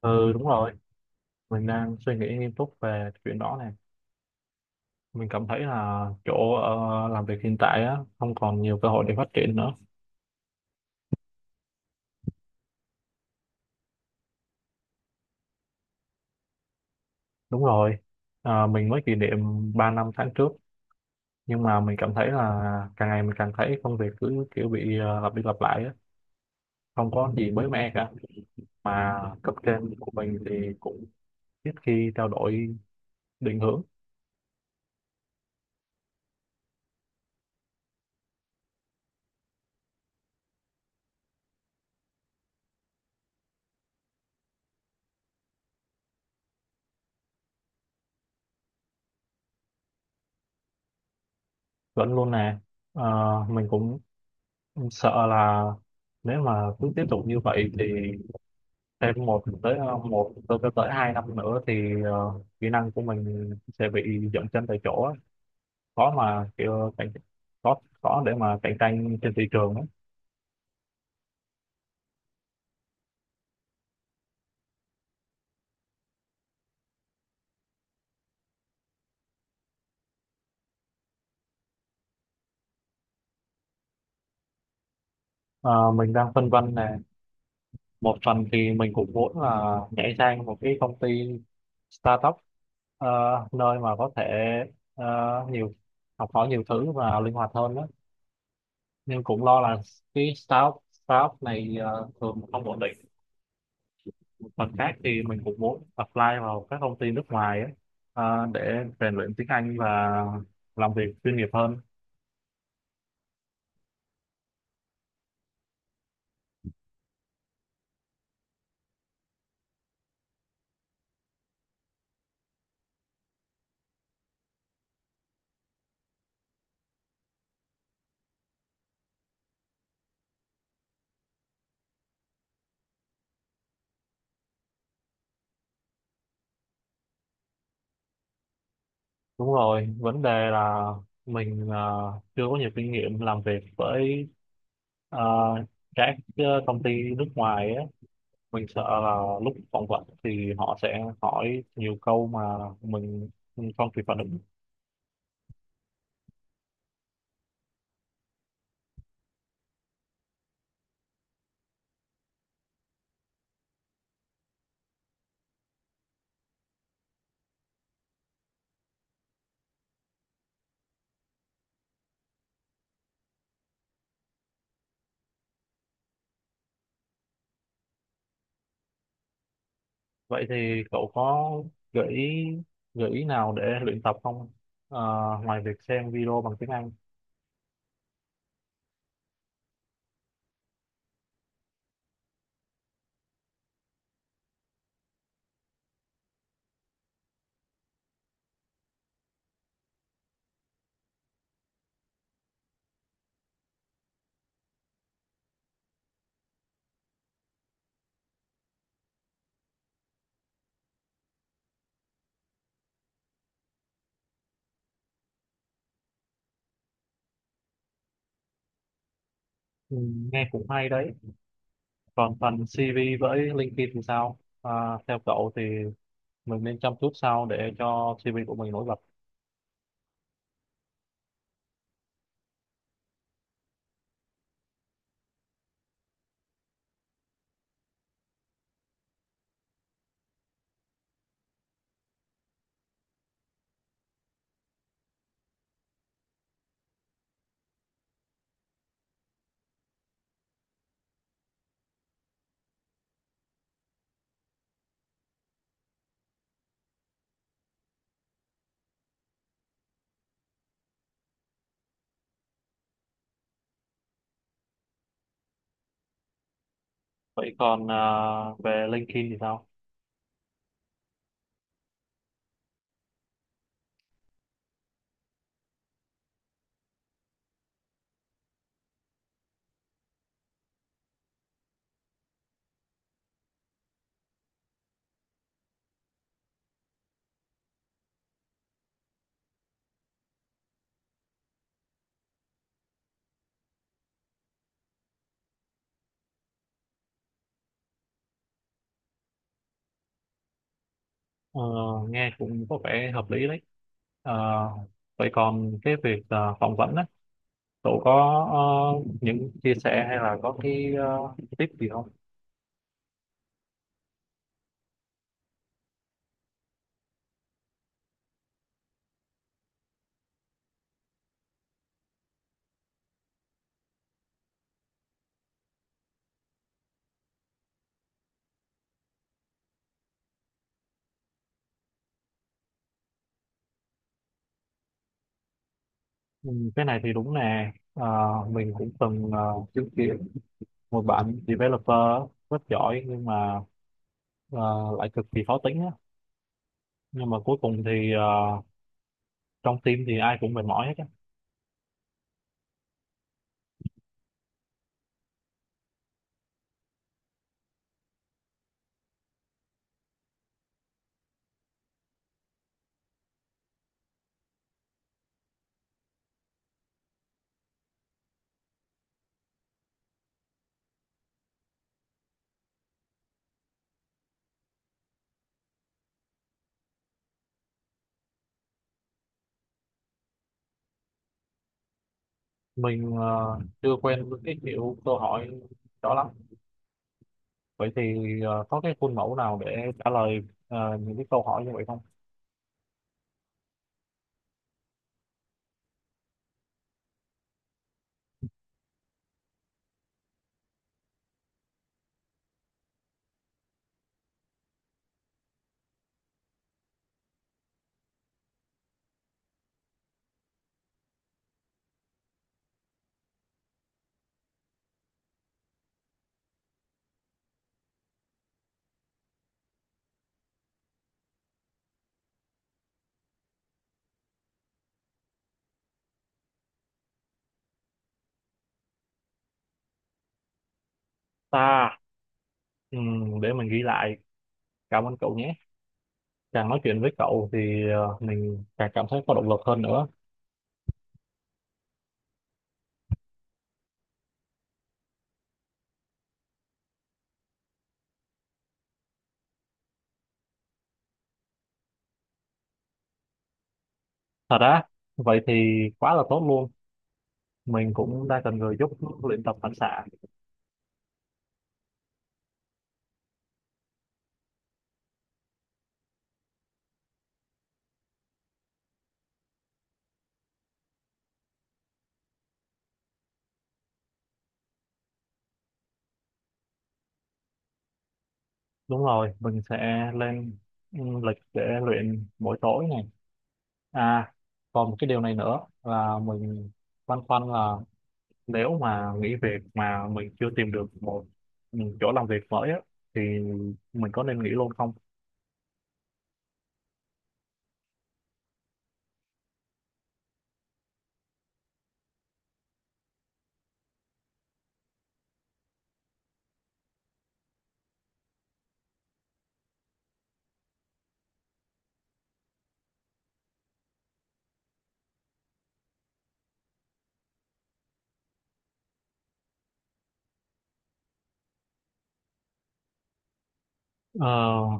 Ừ đúng rồi, mình đang suy nghĩ nghiêm túc về chuyện đó này. Mình cảm thấy là chỗ làm việc hiện tại á, không còn nhiều cơ hội để phát triển nữa. Đúng rồi. Mình mới kỷ niệm 3 năm tháng trước, nhưng mà mình cảm thấy là càng ngày mình càng thấy công việc cứ kiểu bị lặp đi lặp lại á, không có gì mới mẻ cả. Mà cấp trên của mình thì cũng ít khi trao đổi định hướng vẫn luôn nè. Ờ, mình cũng sợ là nếu mà cứ tiếp tục như vậy thì thêm một tới ờ, một tới tới tới hai năm nữa thì kỹ năng của mình sẽ bị dậm chân tại chỗ á. khó mà kiểu cạnh khó khó để mà cạnh tranh trên thị trường á. Ờ, mình đang phân vân nè. Một phần thì mình cũng muốn là nhảy sang một cái công ty startup, ờ, nơi mà có thể ờ, nhiều học hỏi nhiều thứ và linh hoạt hơn đó, nhưng cũng lo là cái startup startup này thường không ổn định. Mặt khác thì mình cũng muốn apply vào các công ty nước ngoài ấy, để rèn luyện tiếng Anh và làm việc chuyên nghiệp hơn. Đúng rồi, vấn đề là mình chưa có nhiều kinh nghiệm làm việc với à, các công ty nước ngoài ấy. Mình sợ là lúc phỏng vấn thì họ sẽ hỏi nhiều câu mà mình không kịp phản ứng. Vậy thì cậu có gợi ý gợi ý nào để luyện tập không? Ờ, Ngoài việc xem video bằng tiếng Anh. Ừ, nghe cũng hay đấy. Còn phần CV với LinkedIn thì sao? Theo cậu thì mình nên chăm chút sao để cho CV của mình nổi bật? Vậy còn về LinkedIn thì sao? Ờ, Nghe cũng có vẻ hợp lý đấy. Ờ, Vậy còn cái việc phỏng vấn á, cậu có những chia sẻ hay là có cái tip gì không? Ừ, cái này thì đúng nè. Ờ, mình cũng từng chứng kiến một bạn developer rất giỏi nhưng mà ờ, lại cực kỳ khó tính á, nhưng mà cuối cùng thì trong team thì ai cũng mệt mỏi hết á. Mình chưa quen với cái kiểu câu hỏi đó lắm. Vậy thì có cái khuôn mẫu nào để trả lời những cái câu hỏi như vậy không? Ta, để mình ghi lại. Cảm ơn cậu nhé. Càng nói chuyện với cậu thì mình càng cảm thấy có động lực hơn nữa. Thật á? Vậy thì quá là tốt luôn. Mình cũng đang cần người giúp luyện tập phản xạ. Đúng rồi, mình sẽ lên lịch để luyện mỗi tối này. À, còn một cái điều này nữa là mình băn khoăn là, nếu mà nghỉ việc mà mình chưa tìm được một chỗ làm việc mới á, thì mình có nên nghỉ luôn không? Ờ,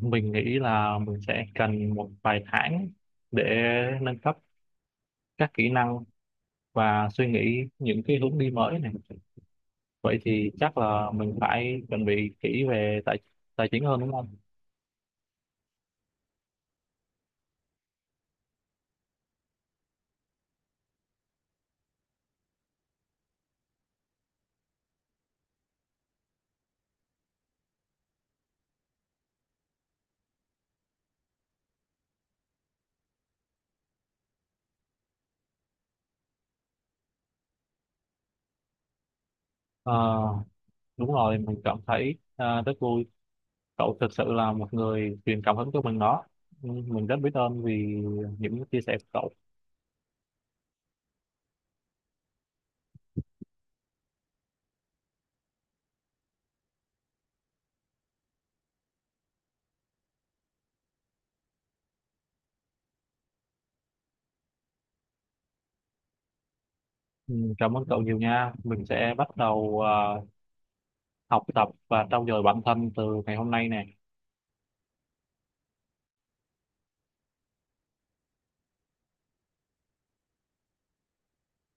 mình nghĩ là mình sẽ cần một vài tháng để nâng cấp các kỹ năng và suy nghĩ những cái hướng đi mới này. Vậy thì chắc là mình phải chuẩn bị kỹ về tài tài chính hơn đúng không? Ờ, Đúng rồi, mình cảm thấy rất vui. Cậu thực sự là một người truyền cảm hứng cho mình đó. Ừ, mình rất biết ơn vì những chia sẻ của cậu. Ừ, cảm ơn cậu nhiều nha. Mình sẽ bắt đầu học tập và trau dồi bản thân từ ngày hôm nay nè.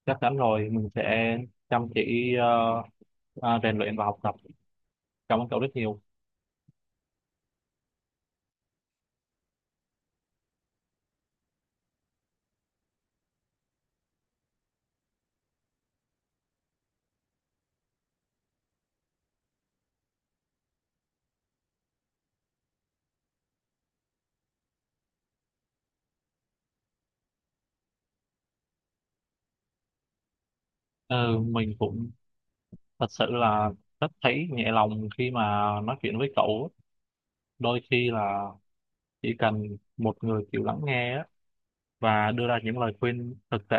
Chắc chắn rồi, mình sẽ chăm chỉ rèn luyện và học tập. Cảm ơn cậu rất nhiều. Ừ, mình cũng thật sự là rất thấy nhẹ lòng khi mà nói chuyện với cậu. Đôi khi là chỉ cần một người chịu lắng nghe á, và đưa ra những lời khuyên thực tế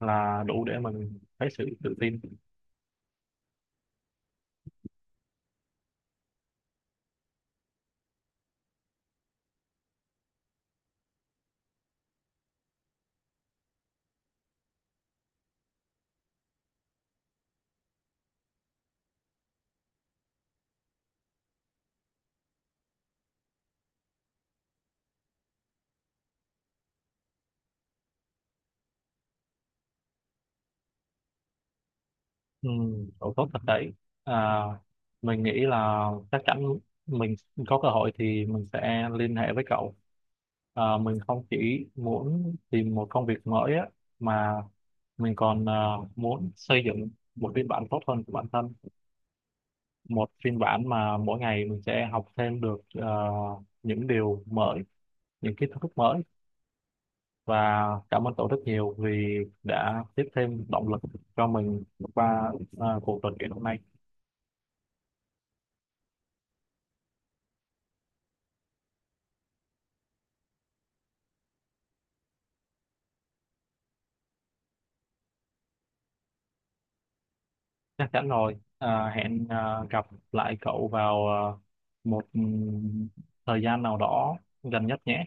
là đủ để mình thấy sự tự tin. Ừ, độ tốt thật đấy. à, mình nghĩ là chắc chắn mình có cơ hội thì mình sẽ liên hệ với cậu. Mình không chỉ muốn tìm một công việc mới á, mà mình còn muốn xây dựng một phiên bản tốt hơn của bản thân, một phiên bản mà mỗi ngày mình sẽ học thêm được những điều mới, những kiến thức mới. Và cảm ơn cậu rất nhiều vì đã tiếp thêm động lực cho mình qua cuộc trò chuyện hôm nay. Chắc chắn rồi, hẹn gặp lại cậu vào một thời gian nào đó gần nhất nhé.